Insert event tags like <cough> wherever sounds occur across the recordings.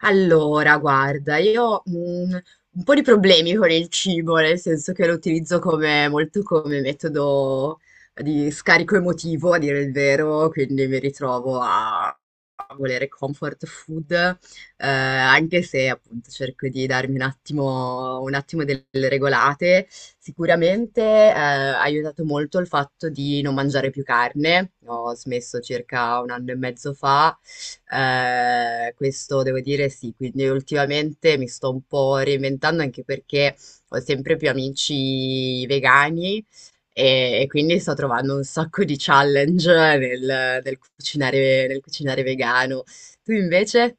Allora, guarda, io un po' di problemi con il cibo, nel senso che lo utilizzo come, molto come metodo di scarico emotivo, a dire il vero, quindi mi ritrovo a volere comfort food, anche se appunto cerco di darmi un attimo delle regolate. Sicuramente ha aiutato molto il fatto di non mangiare più carne, ho smesso circa un anno e mezzo fa questo devo dire sì, quindi ultimamente mi sto un po' reinventando anche perché ho sempre più amici vegani e quindi sto trovando un sacco di challenge nel cucinare, nel cucinare vegano. Tu invece?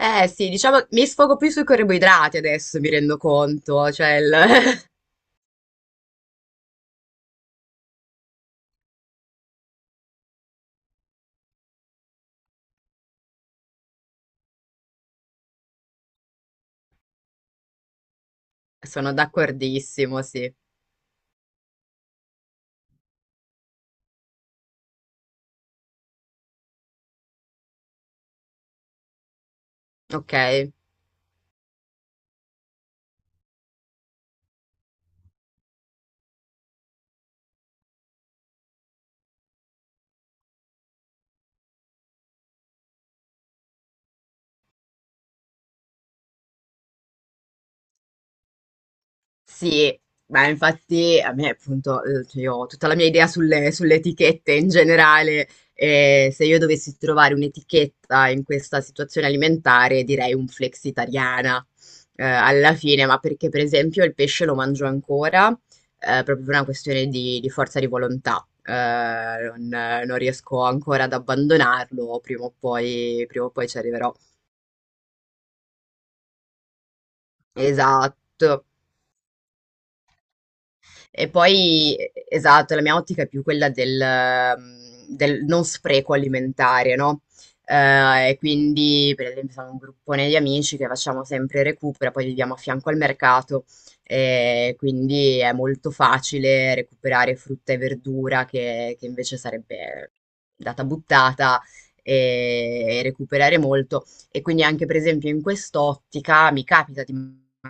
Eh sì, diciamo mi sfogo più sui carboidrati adesso, mi rendo conto, cioè il- <laughs> sono d'accordissimo, sì. Ok. Sì, ma infatti a me appunto, cioè io ho tutta la mia idea sulle etichette in generale, e se io dovessi trovare un'etichetta in questa situazione alimentare direi un flexitariana, alla fine, ma perché per esempio il pesce lo mangio ancora, proprio per una questione di forza di volontà, non riesco ancora ad abbandonarlo, prima o poi ci arriverò. Esatto. E poi, esatto, la mia ottica è più quella del, del non spreco alimentare, no? E quindi, per esempio, sono un gruppone di amici che facciamo sempre recupera, poi viviamo a fianco al mercato, e quindi è molto facile recuperare frutta e verdura che invece sarebbe data buttata e recuperare molto. E quindi anche, per esempio, in quest'ottica mi capita di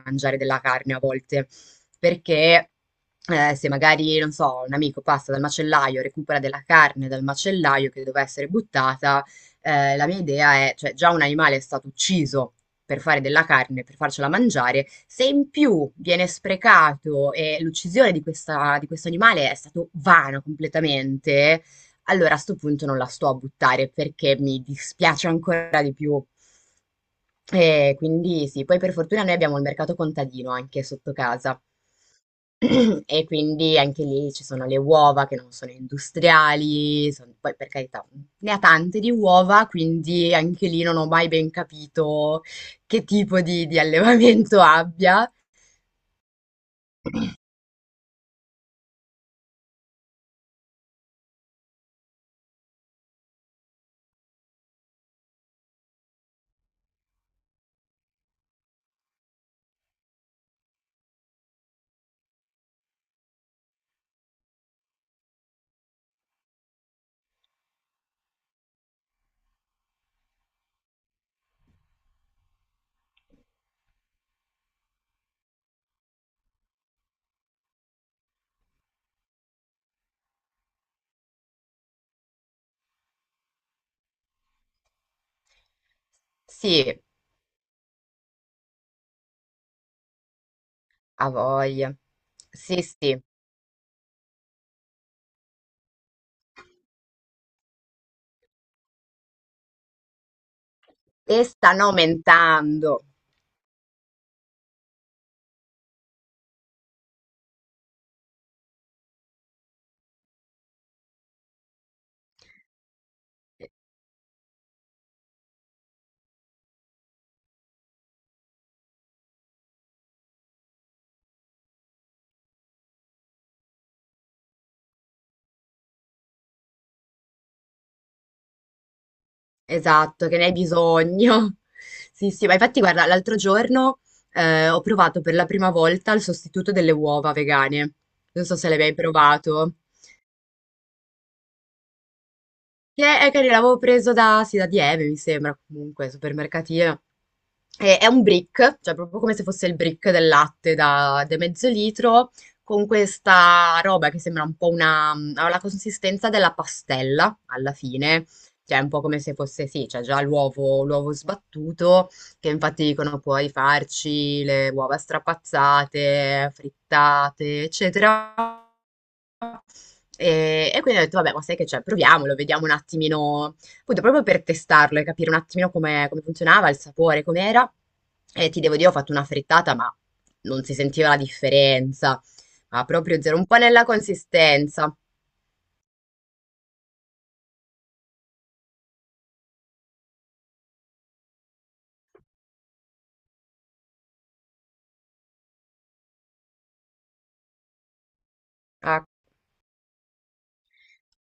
mangiare della carne a volte perché se magari, non so, un amico passa dal macellaio, recupera della carne dal macellaio che doveva essere buttata, la mia idea è, cioè già un animale è stato ucciso per fare della carne, per farcela mangiare, se in più viene sprecato e l'uccisione di questa, di questo animale è stato vano completamente, allora a sto punto non la sto a buttare perché mi dispiace ancora di più. E quindi sì, poi per fortuna noi abbiamo il mercato contadino anche sotto casa. <clears throat> E quindi anche lì ci sono le uova che non sono industriali, son- poi per carità ne ha tante di uova, quindi anche lì non ho mai ben capito che tipo di allevamento <laughs> abbia. Sì, a voglia. Sì, sì. E stanno aumentando. Esatto, che ne hai bisogno. <laughs> Sì, sì, ma infatti guarda, l'altro giorno ho provato per la prima volta il sostituto delle uova vegane. Non so se l'hai mai provato. Che è carino, l'avevo preso da, sì, da Dieve, mi sembra, comunque, supermercatino. E- è un brick, cioè proprio come se fosse il brick del latte da mezzo litro, con questa roba che sembra un po' una ha la consistenza della pastella, alla fine. Cioè, è un po' come se fosse, sì, c'è già l'uovo sbattuto, che infatti dicono puoi farci le uova strapazzate, frittate, eccetera. E quindi ho detto, vabbè, ma sai che c'è, proviamolo, vediamo un attimino, appunto, proprio per testarlo e capire un attimino come, come funzionava, il sapore, com'era. E ti devo dire, ho fatto una frittata, ma non si sentiva la differenza, ma proprio zero, un po' nella consistenza. Ah,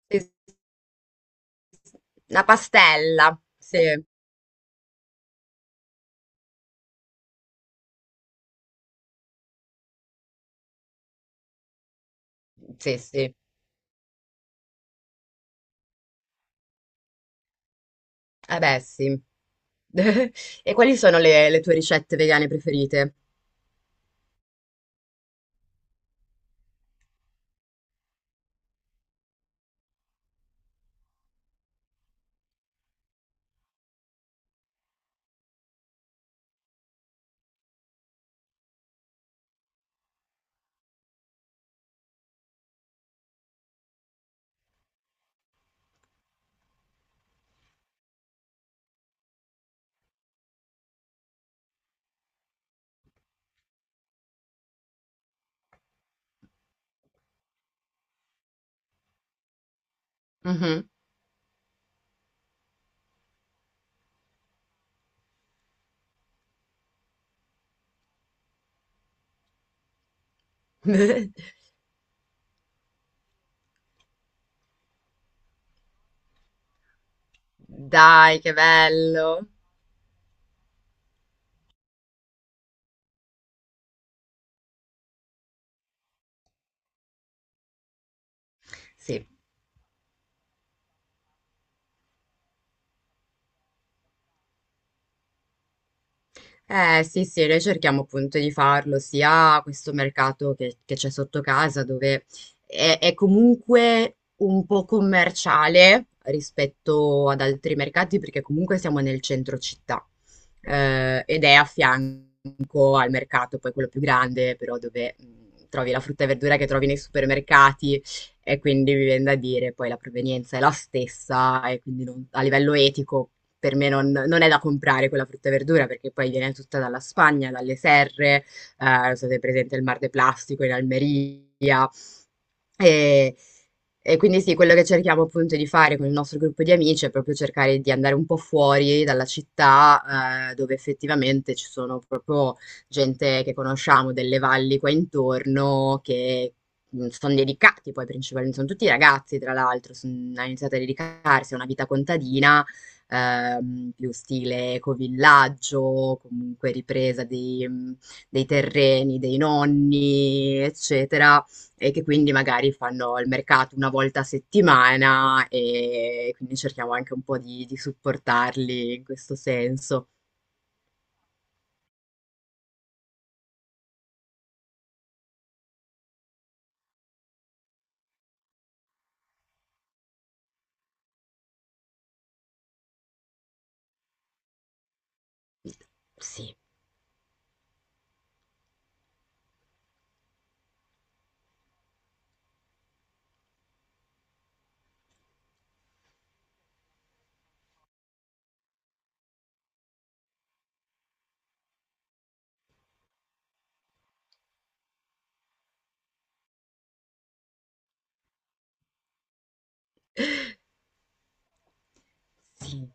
sì, sì. Una pastella, sì, sì, sì, eh beh, sì. <laughs> E quali sono le tue ricette vegane preferite? Mhm. <laughs> Dai, che bello! Eh sì, sì, noi cerchiamo appunto di farlo sia a questo mercato che c'è sotto casa, dove è comunque un po' commerciale rispetto ad altri mercati, perché comunque siamo nel centro città, ed è a fianco al mercato, poi quello più grande, però dove trovi la frutta e verdura che trovi nei supermercati, e quindi mi viene da dire, poi la provenienza è la stessa, e quindi non- a livello etico per me non è da comprare quella frutta e verdura perché poi viene tutta dalla Spagna, dalle serre, state presente il Mar de Plastico in Almeria. E, e quindi sì, quello che cerchiamo appunto di fare con il nostro gruppo di amici è proprio cercare di andare un po' fuori dalla città, dove effettivamente ci sono proprio gente che conosciamo delle valli qua intorno che sono dedicati poi principalmente, sono tutti ragazzi tra l'altro, son- hanno iniziato a dedicarsi a una vita contadina più stile ecovillaggio, comunque ripresa di, dei terreni, dei nonni, eccetera, e che quindi magari fanno il mercato una volta a settimana e quindi cerchiamo anche un po' di supportarli in questo senso. Sì, sì.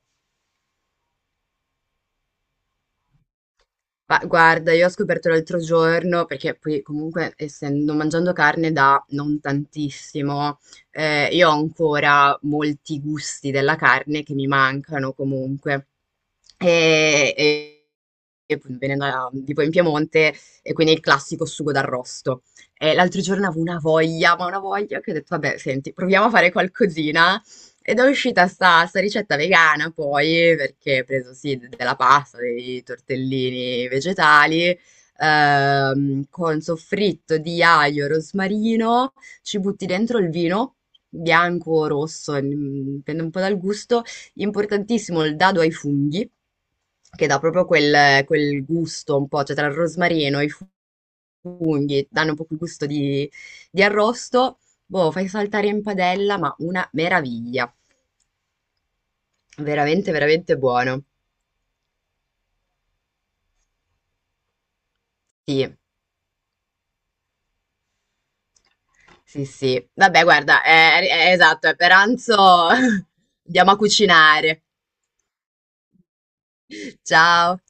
Ma guarda, io ho scoperto l'altro giorno, perché poi comunque essendo mangiando carne da non tantissimo, io ho ancora molti gusti della carne che mi mancano comunque. E, e- e poi venendo da- tipo in Piemonte, e quindi il classico sugo d'arrosto. E l'altro giorno avevo una voglia, ma una voglia che ho detto, vabbè, senti, proviamo a fare qualcosina ed è uscita sta ricetta vegana poi, perché ho preso sì de- della pasta, dei tortellini vegetali, con soffritto di aglio, rosmarino, ci butti dentro il vino, bianco o rosso, mm, dipende un po' dal gusto, importantissimo il dado ai funghi, che dà proprio quel, quel gusto un po', cioè tra il rosmarino e i funghi, danno un po' quel gusto di arrosto, boh, fai saltare in padella, ma una meraviglia. Veramente, veramente buono. Sì, sì, sì. Vabbè, guarda, è- esatto, è per pranzo <laughs> andiamo a cucinare. <laughs> Ciao.